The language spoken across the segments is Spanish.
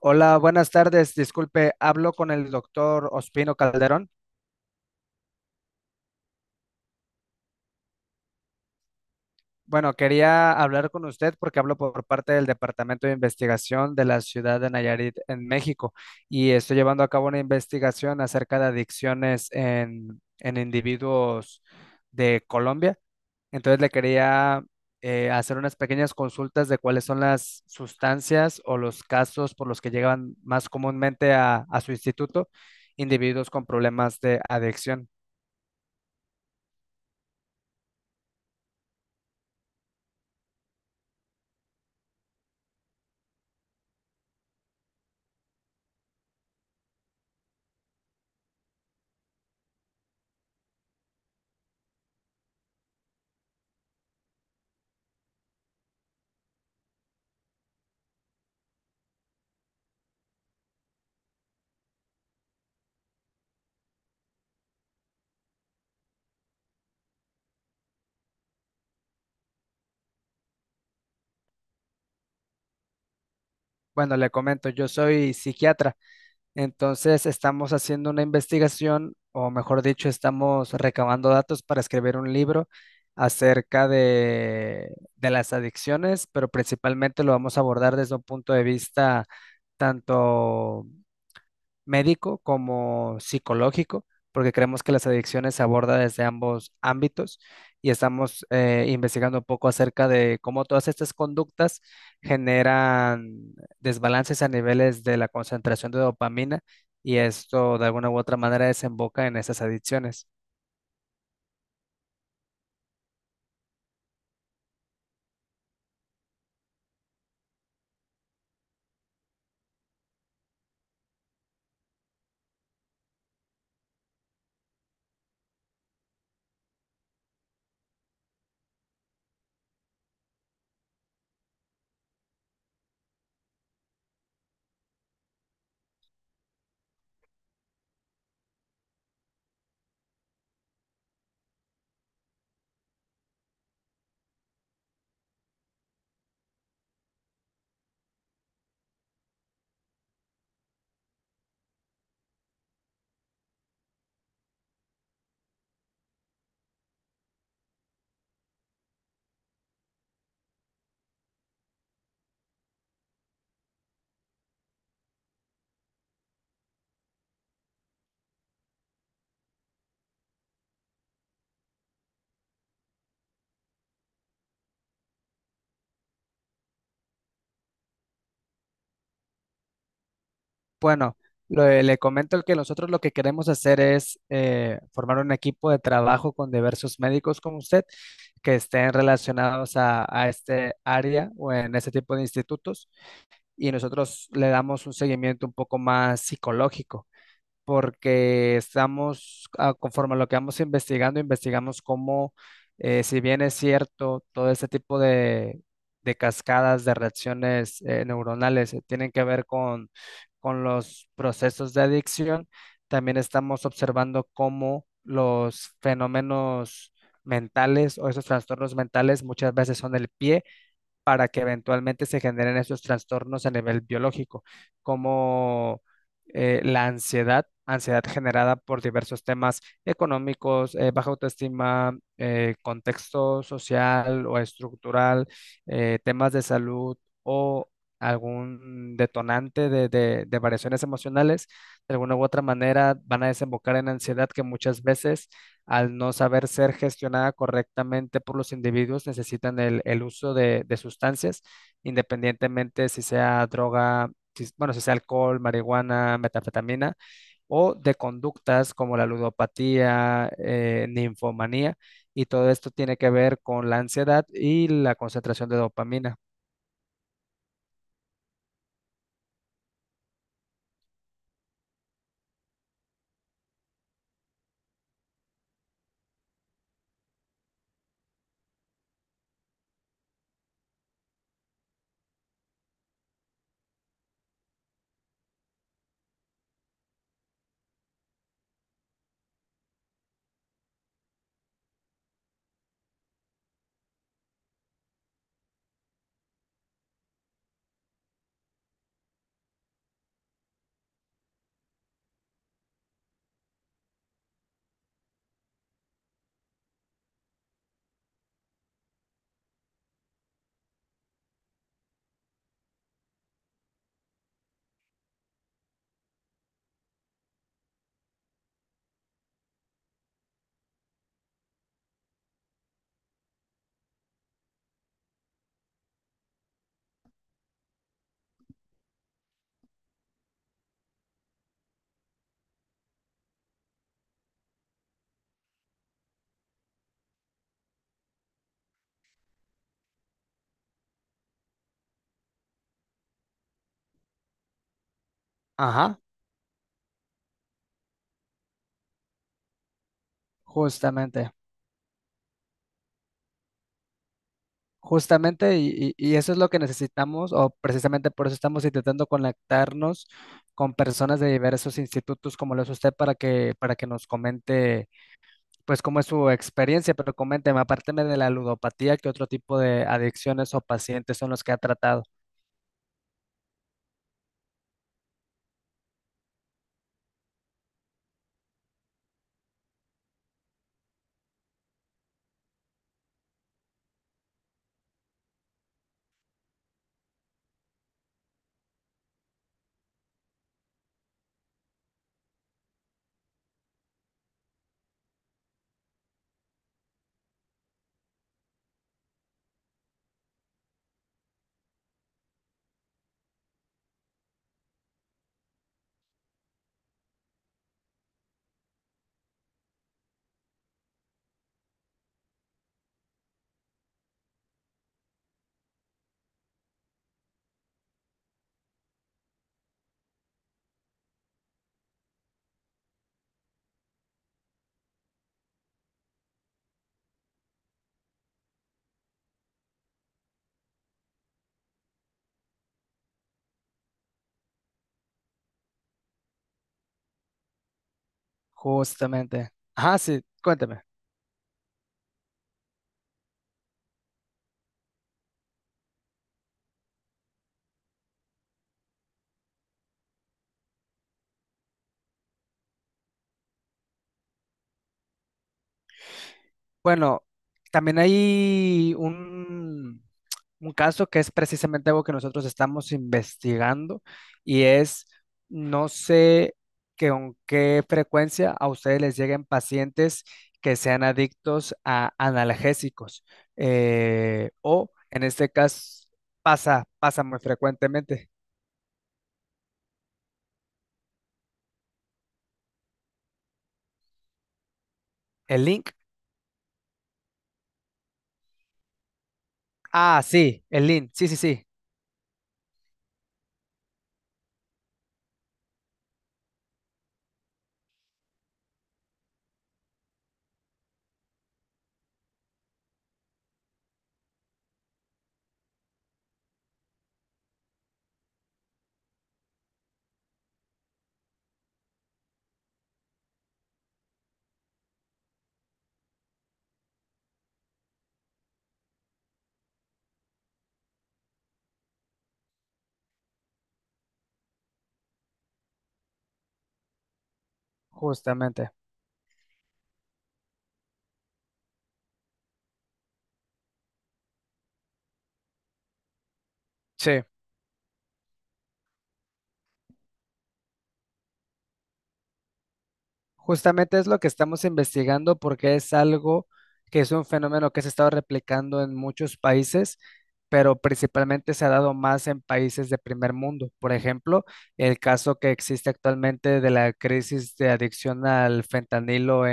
Hola, buenas tardes. Disculpe, hablo con el doctor Ospino Calderón. Bueno, quería hablar con usted porque hablo por parte del Departamento de Investigación de la ciudad de Nayarit en México y estoy llevando a cabo una investigación acerca de adicciones en individuos de Colombia. Entonces le quería hacer unas pequeñas consultas de cuáles son las sustancias o los casos por los que llegan más comúnmente a su instituto individuos con problemas de adicción. Bueno, le comento, yo soy psiquiatra, entonces estamos haciendo una investigación, o mejor dicho, estamos recabando datos para escribir un libro acerca de las adicciones, pero principalmente lo vamos a abordar desde un punto de vista tanto médico como psicológico, porque creemos que las adicciones se aborda desde ambos ámbitos y estamos investigando un poco acerca de cómo todas estas conductas generan desbalances a niveles de la concentración de dopamina, y esto de alguna u otra manera desemboca en esas adicciones. Bueno, le comento que nosotros lo que queremos hacer es formar un equipo de trabajo con diversos médicos como usted que estén relacionados a este área o en este tipo de institutos, y nosotros le damos un seguimiento un poco más psicológico porque estamos, ah, conforme a lo que vamos investigando, investigamos cómo, si bien es cierto, todo este tipo de cascadas de reacciones neuronales tienen que ver con los procesos de adicción, también estamos observando cómo los fenómenos mentales o esos trastornos mentales muchas veces son el pie para que eventualmente se generen esos trastornos a nivel biológico, como la ansiedad, ansiedad generada por diversos temas económicos, baja autoestima, contexto social o estructural, temas de salud o algún detonante de variaciones emocionales, de alguna u otra manera van a desembocar en ansiedad que muchas veces al no saber ser gestionada correctamente por los individuos, necesitan el uso de sustancias, independientemente si sea droga, bueno, si sea alcohol, marihuana, metanfetamina o de conductas como la ludopatía, ninfomanía, y todo esto tiene que ver con la ansiedad y la concentración de dopamina. Ajá, justamente. Justamente, y eso es lo que necesitamos, o precisamente por eso estamos intentando conectarnos con personas de diversos institutos como lo es usted para que nos comente, pues, cómo es su experiencia, pero coménteme, apárteme de la ludopatía, ¿qué otro tipo de adicciones o pacientes son los que ha tratado? Justamente. Ajá, sí, cuénteme. Bueno, también hay un caso que es precisamente algo que nosotros estamos investigando y es, no sé que con qué frecuencia a ustedes les lleguen pacientes que sean adictos a analgésicos o en este caso pasa, pasa muy frecuentemente. ¿El link? Ah, sí, el link, sí, sí, justamente, sí. Justamente es lo que estamos investigando porque es algo que es un fenómeno que se ha estado replicando en muchos países, pero principalmente se ha dado más en países de primer mundo. Por ejemplo, el caso que existe actualmente de la crisis de adicción al fentanilo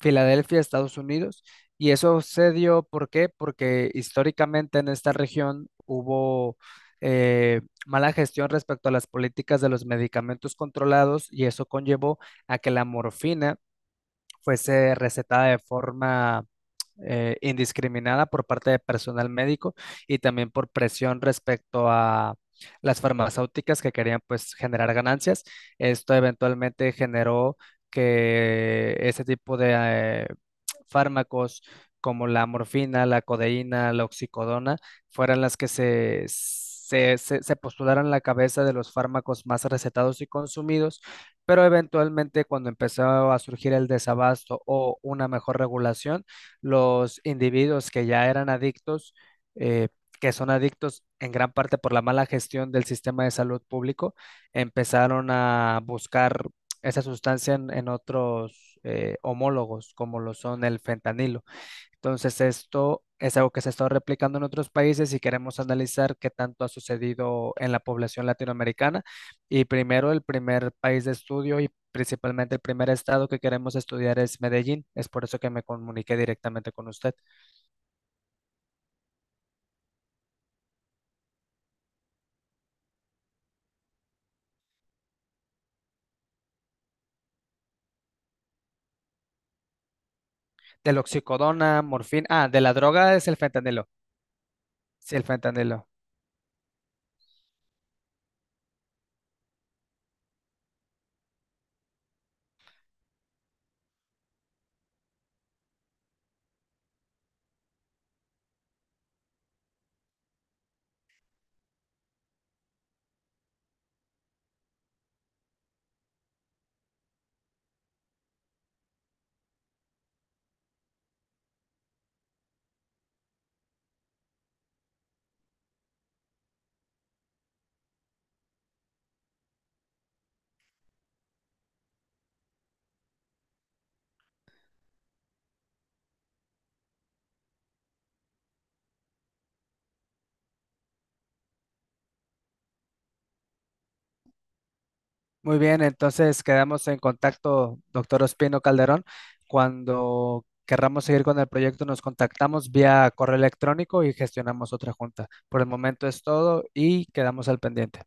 Filadelfia, Estados Unidos. Y eso se dio, ¿por qué? Porque históricamente en esta región hubo eh, mala gestión respecto a las políticas de los medicamentos controlados, y eso conllevó a que la morfina fuese recetada de forma indiscriminada por parte de personal médico y también por presión respecto a las farmacéuticas que querían pues generar ganancias. Esto eventualmente generó que ese tipo de fármacos como la morfina, la codeína, la oxicodona, fueran las que se postularan la cabeza de los fármacos más recetados y consumidos, pero eventualmente cuando empezó a surgir el desabasto o una mejor regulación, los individuos que ya eran adictos, eh, que son adictos en gran parte por la mala gestión del sistema de salud público, empezaron a buscar esa sustancia en otros homólogos, como lo son el fentanilo. Entonces, esto es algo que se ha estado replicando en otros países y queremos analizar qué tanto ha sucedido en la población latinoamericana. Y primero, el primer país de estudio y principalmente el primer estado que queremos estudiar es Medellín. Es por eso que me comuniqué directamente con usted. Del oxicodona, morfina, ah, de la droga es el fentanilo. Sí, el fentanilo. Muy bien, entonces quedamos en contacto, doctor Ospino Calderón. Cuando querramos seguir con el proyecto, nos contactamos vía correo electrónico y gestionamos otra junta. Por el momento es todo y quedamos al pendiente.